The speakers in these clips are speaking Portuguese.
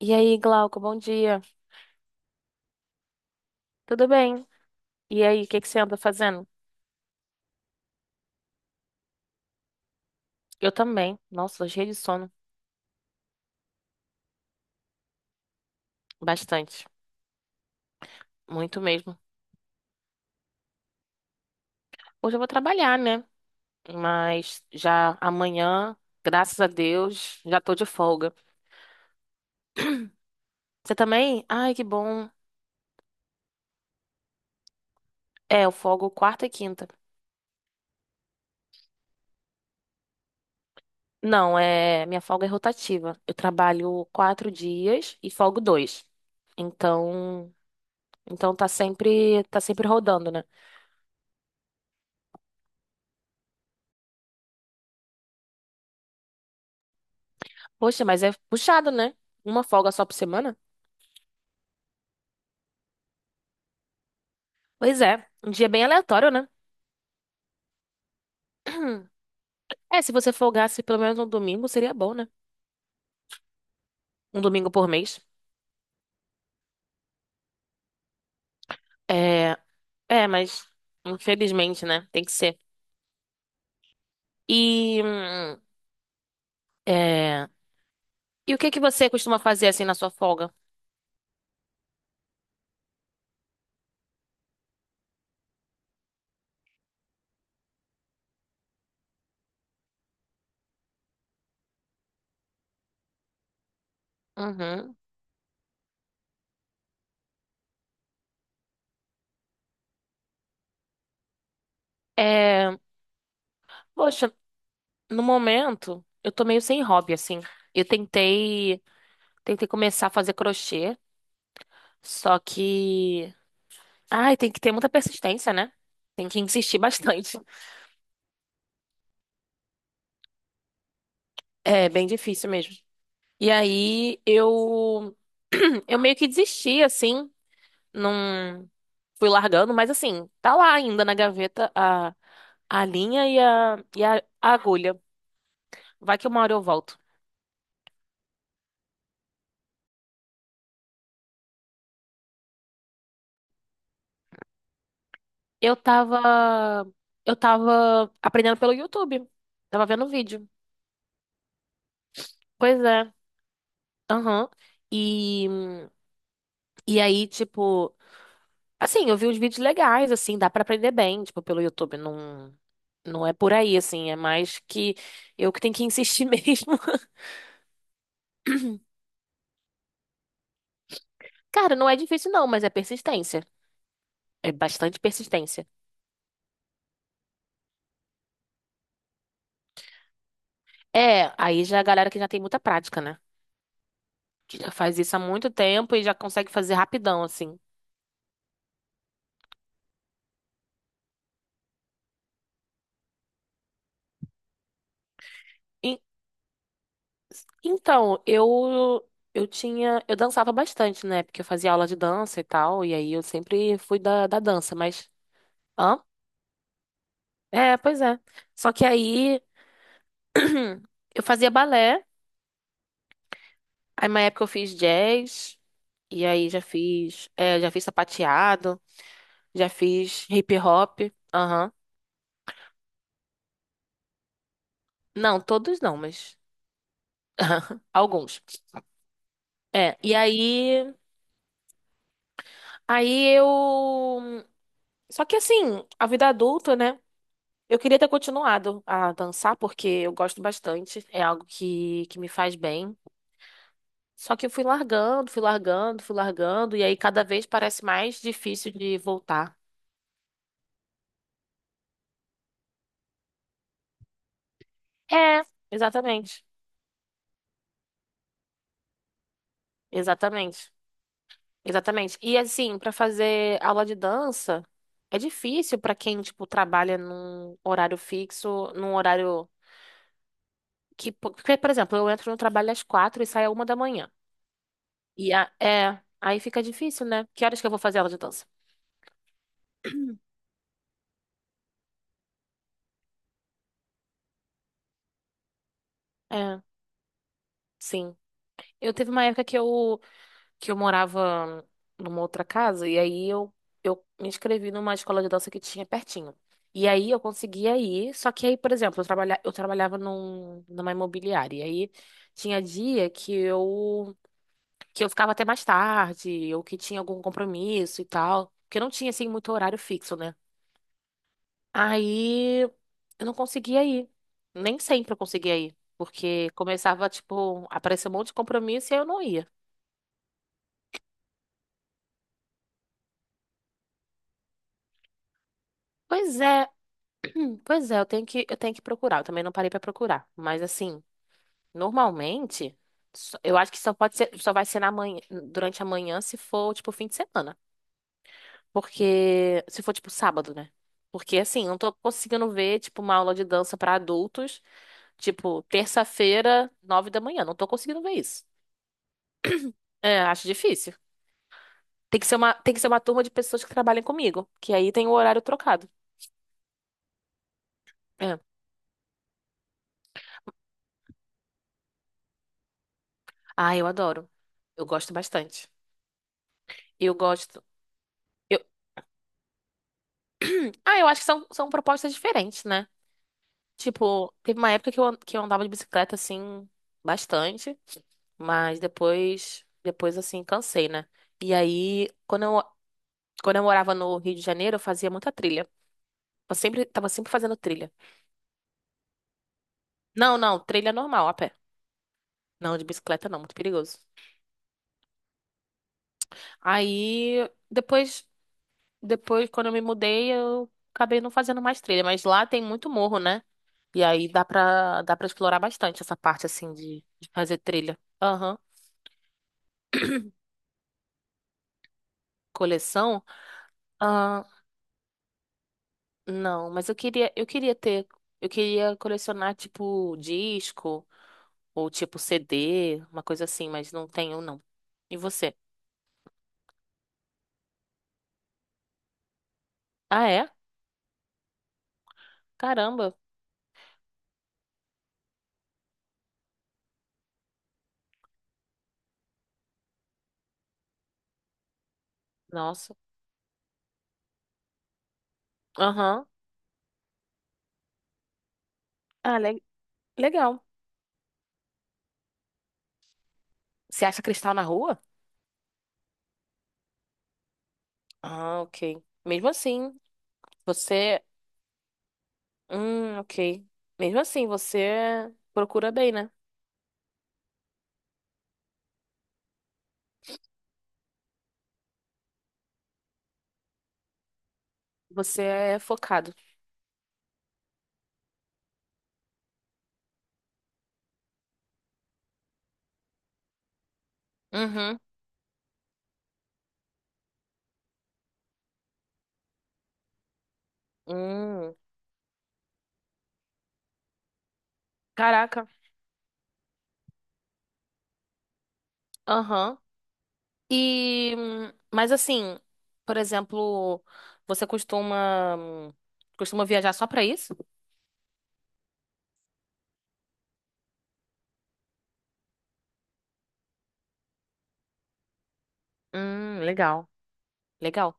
E aí, Glauco, bom dia. Tudo bem? E aí, o que que você anda fazendo? Eu também. Nossa, cheio de sono. Bastante. Muito mesmo. Hoje eu vou trabalhar, né? Mas já amanhã, graças a Deus, já tô de folga. Você também? Ai, que bom. É, eu folgo quarta e quinta. Não, é, minha folga é rotativa. Eu trabalho quatro dias e folgo dois. Então, então tá sempre rodando, né? Poxa, mas é puxado, né? Uma folga só por semana? Pois é, um dia bem aleatório, né? É, se você folgasse pelo menos um domingo, seria bom, né? Um domingo por mês. É, é, mas infelizmente, né? Tem que ser. E, é, e o que que você costuma fazer assim na sua folga? Uhum. É, poxa, no momento eu tô meio sem hobby assim. Eu tentei, tentei começar a fazer crochê, só que, ai, tem que ter muita persistência, né? Tem que insistir bastante. É bem difícil mesmo. E aí eu eu meio que desisti assim, não fui largando, mas assim, tá lá ainda na gaveta a linha e a agulha. Vai que uma hora eu volto. Eu tava eu tava aprendendo pelo YouTube. Tava vendo vídeo. Pois é. Aham. E e aí tipo, assim, eu vi uns vídeos legais assim, dá pra aprender bem, tipo, pelo YouTube, não é por aí assim, é mais que eu que tenho que insistir mesmo. Cara, não é difícil não, mas é persistência. É bastante persistência. É, aí já é a galera que já tem muita prática, né? Que já faz isso há muito tempo e já consegue fazer rapidão, assim. E- eu eu dançava bastante, né? Porque eu fazia aula de dança e tal, e aí eu sempre fui da dança, mas hã? É, pois é. Só que aí eu fazia balé, aí uma época eu fiz jazz, e aí já fiz sapateado, já fiz hip hop, aham. Não, todos não, mas alguns. É, e aí, aí eu. Só que assim, a vida adulta, né? Eu queria ter continuado a dançar, porque eu gosto bastante, é algo que me faz bem. Só que eu fui largando, fui largando, fui largando, e aí cada vez parece mais difícil de voltar. É, exatamente. Exatamente. Exatamente. E assim, pra fazer aula de dança, é difícil pra quem, tipo, trabalha num horário fixo, num horário. Porque, por exemplo, eu entro no trabalho às quatro e saio à uma da manhã. Aí fica difícil, né? Que horas que eu vou fazer aula de dança? É, sim. Eu teve uma época que eu morava numa outra casa e aí eu me inscrevi numa escola de dança que tinha pertinho. E aí eu conseguia ir, só que aí, por exemplo, eu trabalhava numa imobiliária. E aí tinha dia que eu ficava até mais tarde, ou que tinha algum compromisso e tal. Porque não tinha, assim, muito horário fixo, né? Aí eu não conseguia ir. Nem sempre eu conseguia ir. Porque começava, tipo, a aparecer um monte de compromisso e aí eu não ia. Pois é, pois é, eu tenho eu tenho que procurar. Eu também não parei pra procurar. Mas assim, normalmente, eu acho que só pode ser, só vai ser na manhã, durante a manhã se for, tipo, fim de semana. Porque, se for, tipo, sábado, né? Porque assim, eu não tô conseguindo ver, tipo, uma aula de dança pra adultos, tipo, terça-feira, nove da manhã. Não tô conseguindo ver isso. É, acho difícil. Tem que ser uma turma de pessoas que trabalhem comigo, que aí tem o horário trocado. É. Ah, eu adoro. Eu gosto bastante. Eu gosto. Eu... Ah, eu acho que são, são propostas diferentes, né? Tipo, teve uma época que eu andava de bicicleta assim, bastante, mas depois assim, cansei, né? E aí, quando eu, quando eu morava no Rio de Janeiro, eu fazia muita trilha. Tava sempre fazendo trilha. Não, não, trilha normal, a pé. Não, de bicicleta não, muito perigoso. Aí, depois. Depois, quando eu me mudei, eu acabei não fazendo mais trilha, mas lá tem muito morro, né? E aí dá pra explorar bastante essa parte, assim, de fazer trilha. Aham. Coleção? Ah, não, mas eu queria ter, eu queria colecionar, tipo, disco ou tipo CD, uma coisa assim, mas não tenho, não. E você? Ah, é? Caramba. Nossa. Aham. Ah, legal. Você acha cristal na rua? Ah, ok. Mesmo assim, você ok. Mesmo assim, você procura bem, né? Você é focado. Uhum. Hum. Caraca. Aham. E, mas assim, por exemplo, você costuma costuma viajar só pra isso? Legal. Legal.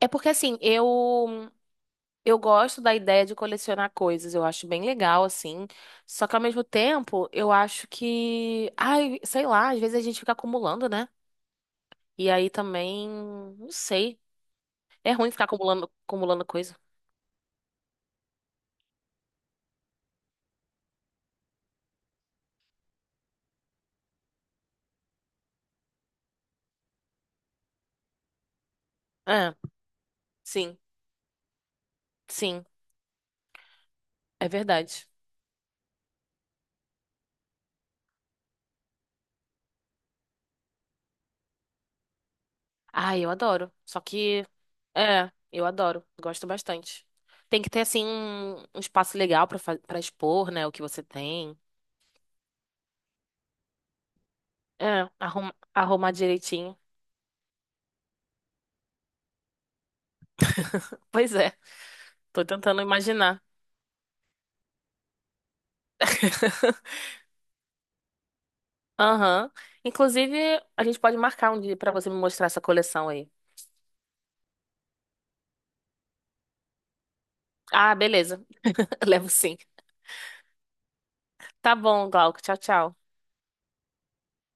É porque assim, hum, eu gosto da ideia de colecionar coisas, eu acho bem legal assim. Só que ao mesmo tempo, eu acho que, ai, sei lá, às vezes a gente fica acumulando, né? E aí também, não sei. É ruim ficar acumulando, acumulando coisa. É, sim, sim, é verdade. Ah, eu adoro. Eu adoro. Gosto bastante. Tem que ter, assim, um espaço legal pra, pra expor, né, o que você tem. É, arrumar direitinho. Pois é, tô tentando imaginar. Aham. Inclusive, a gente pode marcar um dia pra você me mostrar essa coleção aí. Ah, beleza. Levo sim. Tá bom, Glauco. Tchau, tchau.